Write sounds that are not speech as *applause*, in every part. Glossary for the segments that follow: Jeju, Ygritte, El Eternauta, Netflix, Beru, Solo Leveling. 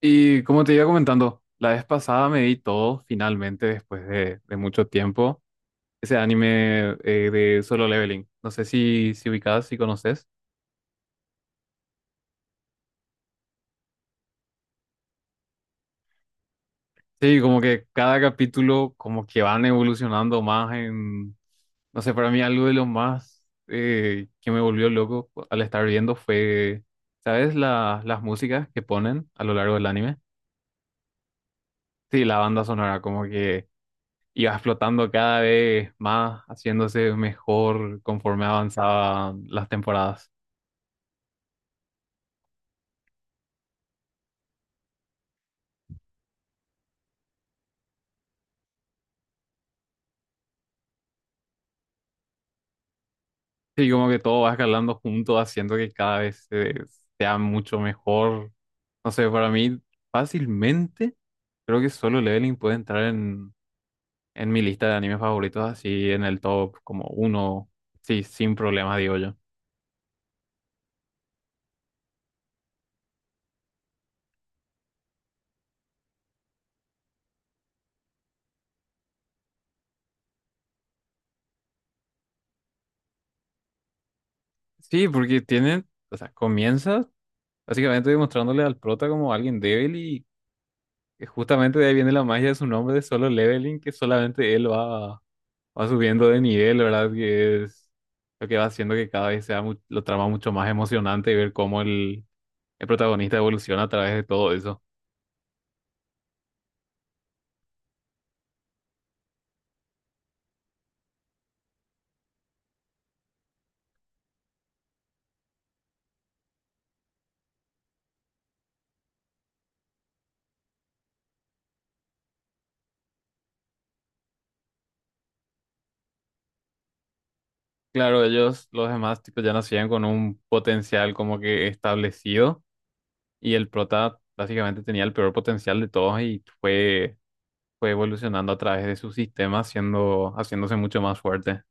Y como te iba comentando, la vez pasada me vi todo finalmente después de mucho tiempo. Ese anime de Solo Leveling. No sé si ubicás, si conoces. Sí, como que cada capítulo como que van evolucionando más en... No sé, para mí algo de lo más que me volvió loco al estar viendo fue, ¿sabes? Las músicas que ponen a lo largo del anime. Sí, la banda sonora, como que y va explotando cada vez más, haciéndose mejor conforme avanzaban las temporadas. Sí, como que todo va escalando junto, haciendo que cada vez sea mucho mejor. No sé, para mí fácilmente creo que Solo Leveling puede entrar en mi lista de animes favoritos, así en el top como uno, sí, sin problemas, digo yo. Sí, porque tiene, o sea, comienza básicamente demostrándole al prota como alguien débil y que justamente de ahí viene la magia de su nombre de Solo Leveling, que solamente él va, va subiendo de nivel, ¿verdad? Que es lo que va haciendo que cada vez sea lo trama mucho más emocionante y ver cómo el protagonista evoluciona a través de todo eso. Claro, ellos, los demás, tipo, ya nacían con un potencial como que establecido y el prota básicamente tenía el peor potencial de todos y fue, fue evolucionando a través de su sistema, haciendo, haciéndose mucho más fuerte.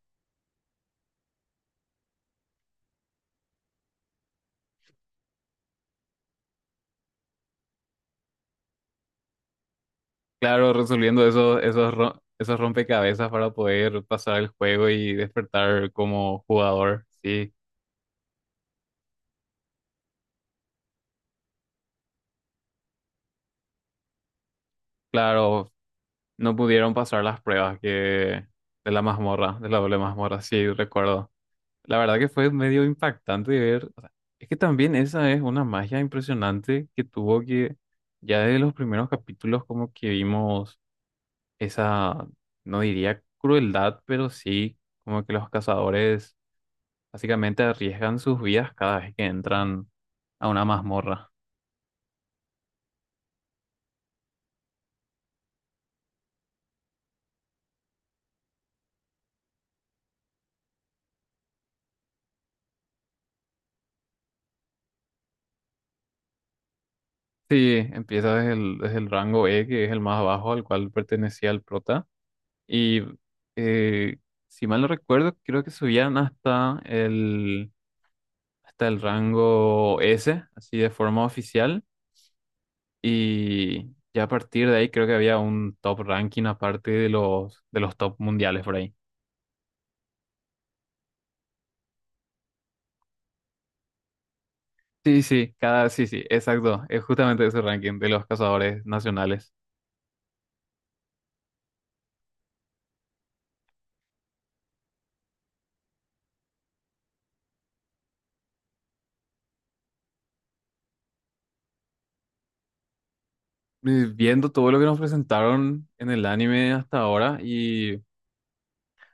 Claro, resolviendo esos rompecabezas para poder pasar el juego y despertar como jugador. Sí, claro, no pudieron pasar las pruebas que de la mazmorra, de la doble mazmorra, sí, recuerdo. La verdad que fue medio impactante de ver. O sea, es que también esa es una magia impresionante que tuvo que ya desde los primeros capítulos como que vimos esa, no diría crueldad, pero sí, como que los cazadores básicamente arriesgan sus vidas cada vez que entran a una mazmorra. Sí, empieza desde desde el rango E, que es el más bajo al cual pertenecía el prota. Y eh, si mal no recuerdo, creo que subían hasta hasta el rango S, así de forma oficial. Y ya a partir de ahí creo que había un top ranking aparte de de los top mundiales por ahí. Sí, sí, cada, sí, sí, exacto. Es justamente ese ranking de los cazadores nacionales. Viendo todo lo que nos presentaron en el anime hasta ahora y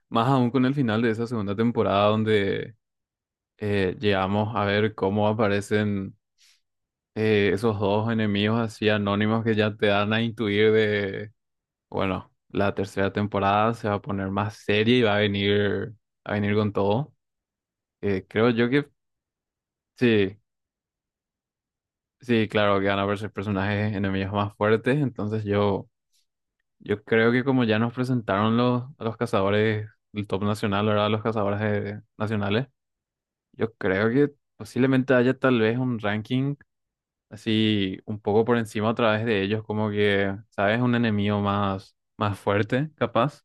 más aún con el final de esa segunda temporada donde llegamos a ver cómo aparecen esos dos enemigos así anónimos que ya te dan a intuir de, bueno, la tercera temporada se va a poner más seria y va a venir con todo. Creo yo que sí, sí, claro que van a verse personajes enemigos más fuertes, entonces yo... Yo creo que como ya nos presentaron los, a los cazadores del top nacional, ¿verdad? Los cazadores nacionales, yo creo que posiblemente haya tal vez un ranking así un poco por encima a través de ellos, como que, ¿sabes? Un enemigo más, más fuerte, capaz.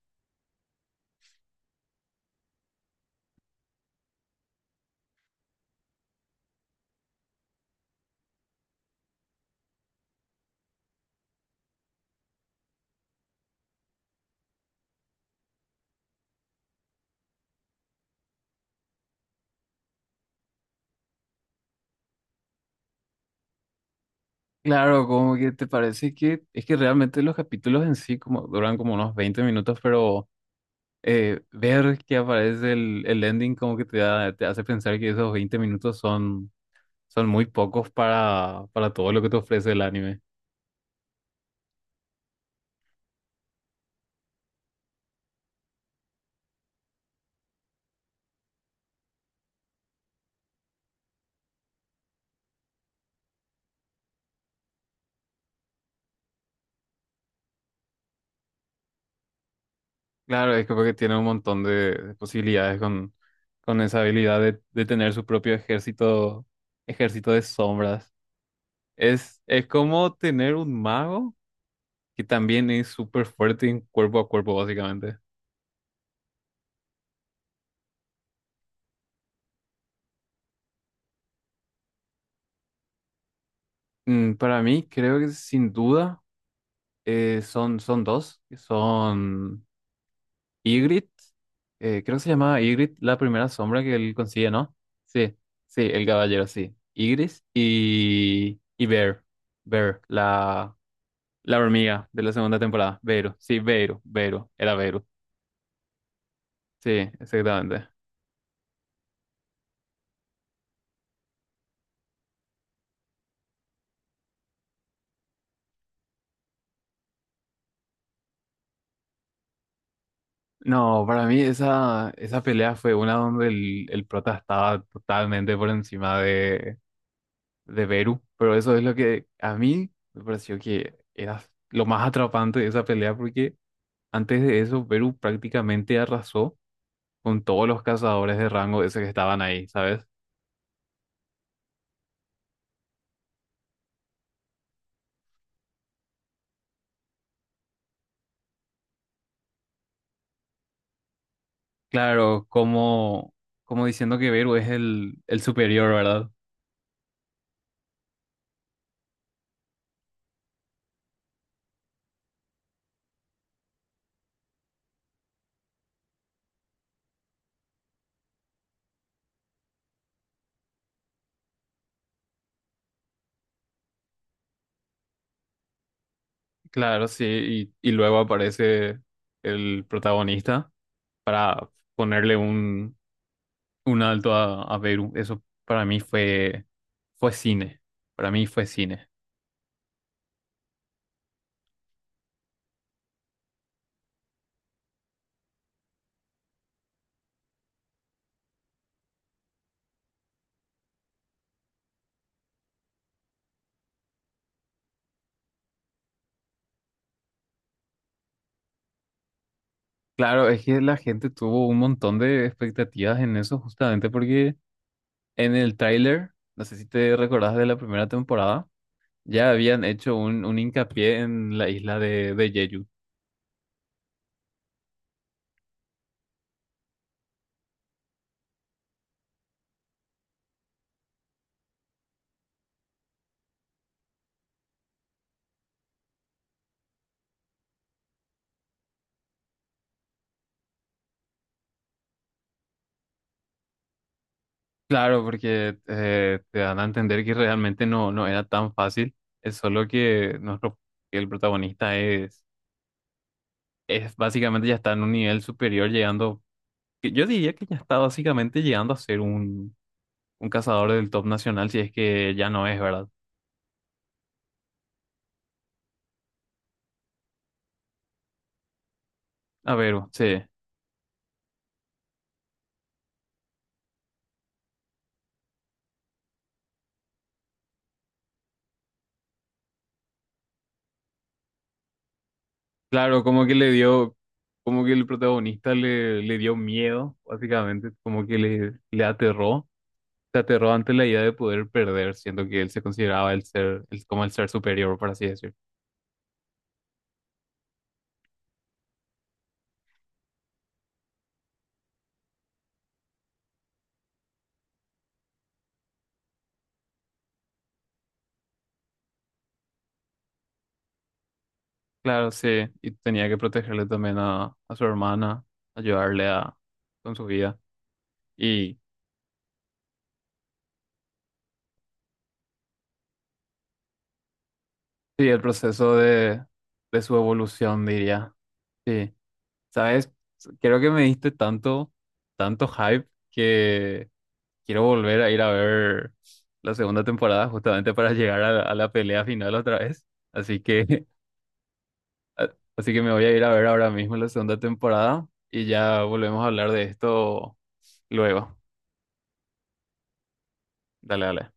Claro, como que te parece que es que realmente los capítulos en sí como duran como unos 20 minutos, pero ver que aparece el ending como que te da, te hace pensar que esos 20 minutos son son muy pocos para todo lo que te ofrece el anime. Claro, es que porque tiene un montón de posibilidades con esa habilidad de tener su propio ejército, ejército de sombras. Es como tener un mago que también es súper fuerte en cuerpo a cuerpo, básicamente. Mm, para mí, creo que sin duda son, son dos, que son Ygritte, creo que se llamaba Ygritte la primera sombra que él consigue, ¿no? Sí, sí, el caballero, sí. Ygritte y Bear, Bear, la hormiga de la segunda temporada. Vero, sí, Vero, Vero, era Vero. Sí, exactamente. No, para mí esa, esa pelea fue una donde el prota estaba totalmente por encima de Beru, pero eso es lo que a mí me pareció que era lo más atrapante de esa pelea porque... Antes de eso, Perú prácticamente arrasó con todos los cazadores de rango ese que estaban ahí, ¿sabes? Claro, como, como diciendo que Perú es el superior, ¿verdad? Claro, sí, y luego aparece el protagonista para ponerle un alto a Perú. Eso para mí fue, fue cine, para mí fue cine. Claro, es que la gente tuvo un montón de expectativas en eso justamente porque... En el tráiler, no sé si te recordás de la primera temporada, ya habían hecho un hincapié en la isla de Jeju. Claro, porque te dan a entender que realmente no, no era tan fácil. Es solo que nuestro, que el protagonista es básicamente ya está en un nivel superior, llegando, que yo diría que ya está básicamente llegando a ser un cazador del top nacional, si es que ya no es, ¿verdad? A ver, sí. Claro, como que le dio, como que el protagonista le, le dio miedo, básicamente, como que le aterró, se aterró ante la idea de poder perder, siendo que él se consideraba el ser, como el ser superior, por así decir. Claro, sí, y tenía que protegerle también a su hermana, ayudarle a, con su vida. Y sí, el proceso de su evolución, diría. Sí, ¿sabes? Creo que me diste tanto, tanto hype que... Quiero volver a ir a ver la segunda temporada justamente para llegar a a la pelea final otra vez. Así que, *laughs* a- así que me voy a ir a ver ahora mismo la segunda temporada y ya volvemos a hablar de esto luego. Dale, dale.